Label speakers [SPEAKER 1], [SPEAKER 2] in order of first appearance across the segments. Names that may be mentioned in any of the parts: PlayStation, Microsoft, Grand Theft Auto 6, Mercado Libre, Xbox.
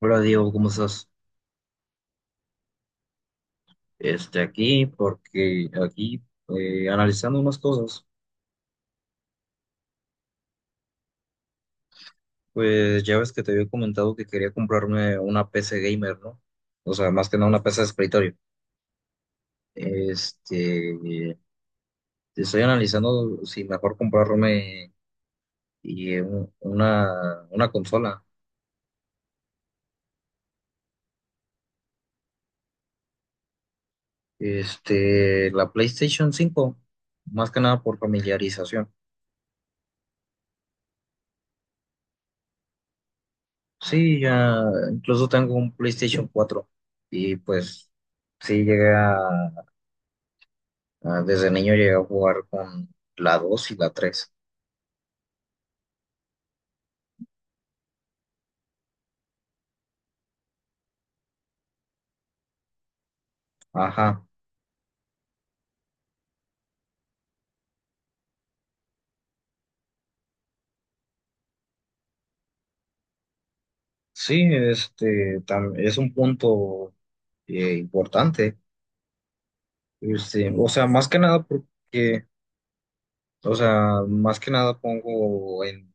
[SPEAKER 1] Hola Diego, ¿cómo estás? Aquí, porque aquí analizando unas cosas. Pues ya ves que te había comentado que quería comprarme una PC gamer, ¿no? O sea, más que nada una PC de escritorio. Este, eh, estoy analizando si mejor comprarme una consola, la PlayStation 5, más que nada por familiarización. Sí, ya incluso tengo un PlayStation 4 y pues sí llegué a... Ah, desde niño llegué a jugar con la dos y la tres. Ajá. Sí, es un punto importante. O sea, más que nada porque, o sea, más que nada pongo en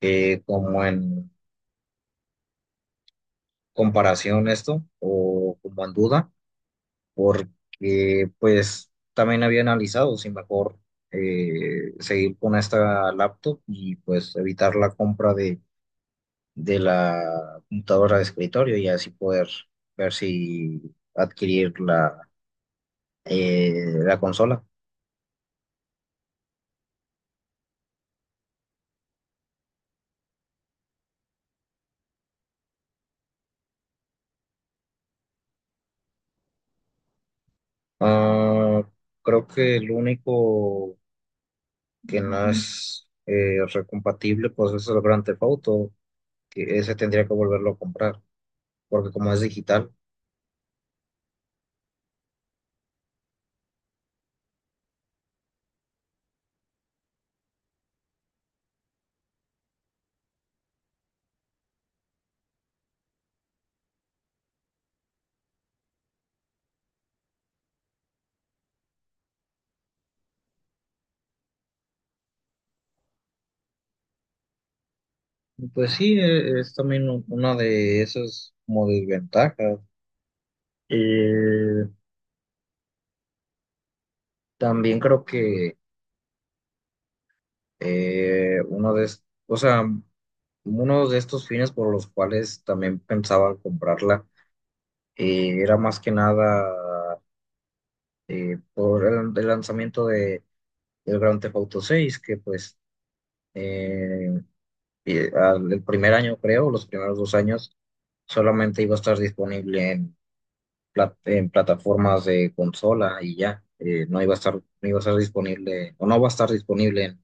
[SPEAKER 1] como en comparación esto o como en duda, porque pues también había analizado si mejor seguir con esta laptop y pues evitar la compra de la computadora de escritorio y así poder ver si adquirir la, eh, la consola. Ah, creo que el único que no es recompatible pues es el Grand Theft Auto, que ese tendría que volverlo a comprar, porque como es digital, pues sí, es también una de esas como desventajas. Eh, también creo que... O sea, uno de estos fines por los cuales también pensaba comprarla era más que nada por el lanzamiento de el Grand Theft Auto 6, que pues eh, el primer año, creo, los primeros 2 años, solamente iba a estar disponible en, en plataformas de consola. Y ya, no iba a estar, no iba a estar disponible, o no va a estar disponible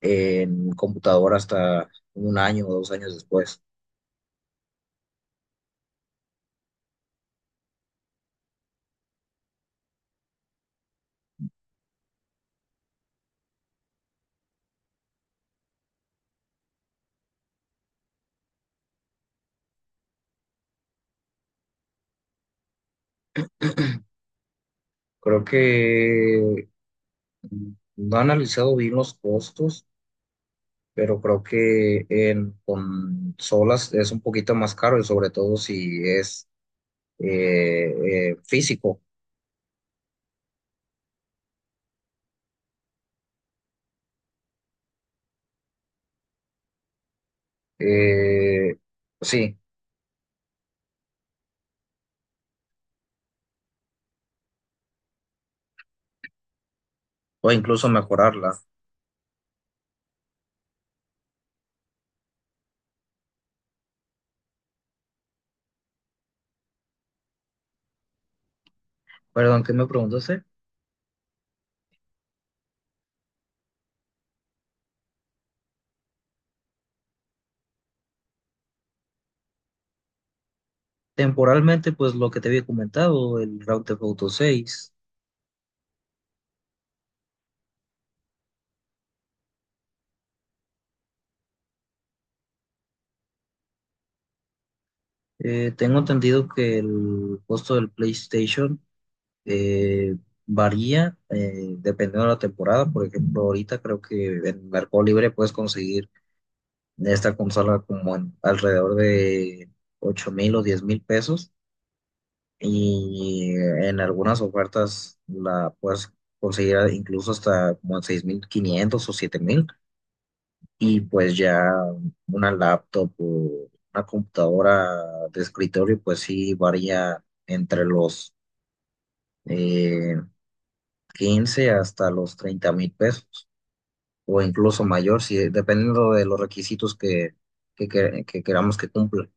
[SPEAKER 1] en computadora hasta 1 año o 2 años después. Creo que no he analizado bien los costos, pero creo que en consolas es un poquito más caro, y sobre todo si es físico. Eh, sí, o incluso mejorarla. Perdón, ¿qué me preguntaste? Temporalmente, pues lo que te había comentado, el Grand Theft Auto 6. Tengo entendido que el costo del PlayStation... Eh, varía dependiendo de la temporada. Por ejemplo, ahorita creo que en Mercado Libre puedes conseguir esta consola como en alrededor de 8,000 o 10,000 pesos. Y en algunas ofertas la puedes conseguir incluso hasta como en 6,500 o 7,000. Y pues ya una laptop o una computadora de escritorio, pues sí varía entre los eh, 15 hasta los 30,000 pesos, o incluso mayor, si, dependiendo de los requisitos que queramos que cumpla.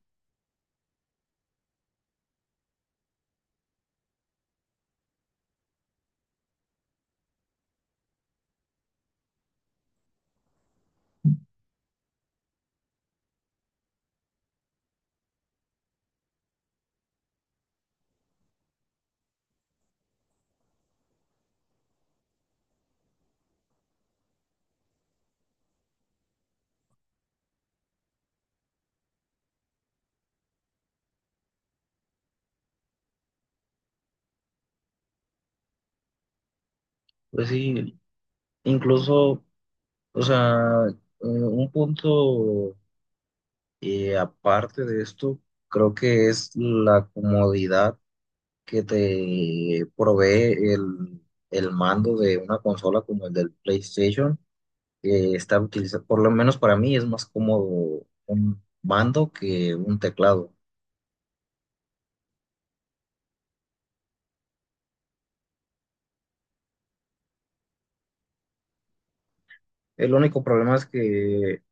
[SPEAKER 1] Pues sí, incluso, o sea, un punto aparte de esto, creo que es la comodidad que te provee el mando de una consola como el del PlayStation, que está utilizado, por lo menos para mí es más cómodo un mando que un teclado. El único problema es que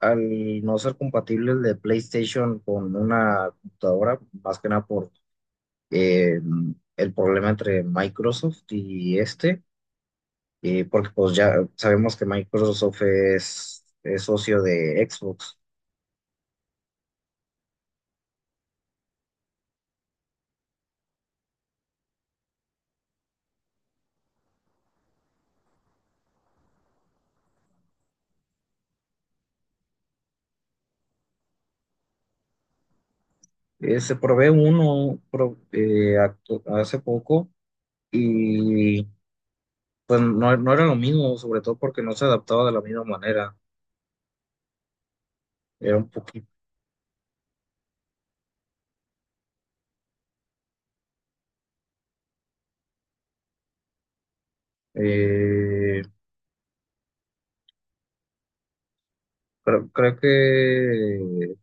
[SPEAKER 1] al no ser compatible el de PlayStation con una computadora, más que nada por eh, el problema entre Microsoft y porque pues ya sabemos que Microsoft es socio de Xbox. Se probé uno pro- actu- hace poco, y pues no, no era lo mismo, sobre todo porque no se adaptaba de la misma manera. Era un poquito... eh, creo que...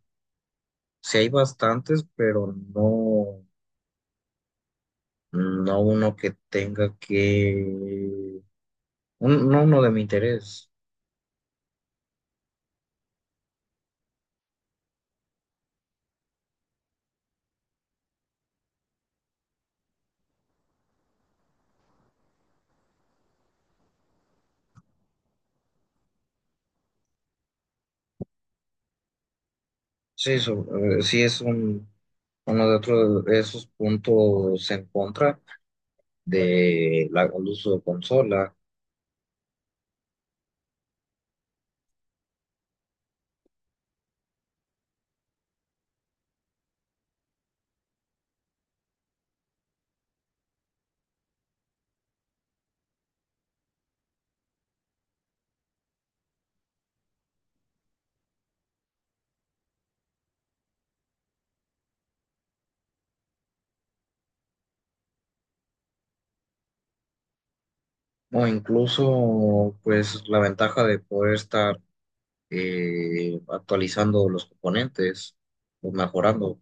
[SPEAKER 1] Sí hay bastantes, pero no, no uno que tenga que, no uno de mi interés. Sí, so- sí es un, uno de otros de esos puntos en contra de la, el uso de consola, o incluso pues la ventaja de poder estar actualizando los componentes o mejorando.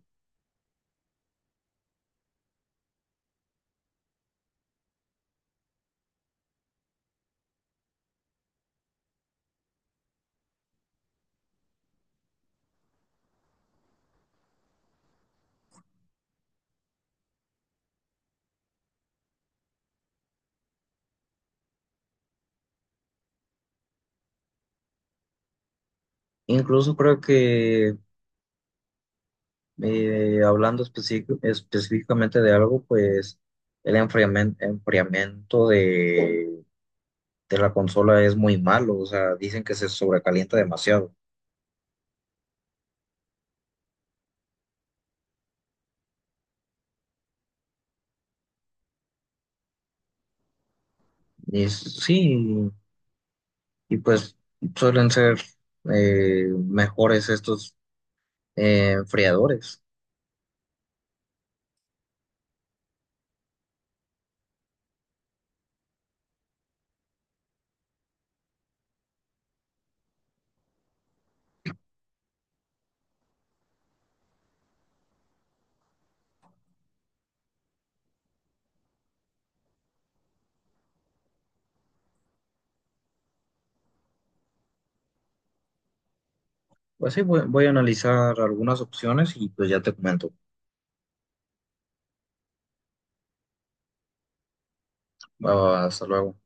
[SPEAKER 1] Incluso creo que... hablando específic- específicamente de algo, pues el enfriamiento de la consola es muy malo, o sea, dicen que se sobrecalienta demasiado. Sí, y pues suelen ser mejores estos enfriadores. Pues sí, voy a analizar algunas opciones y pues ya te comento. Ah, hasta luego.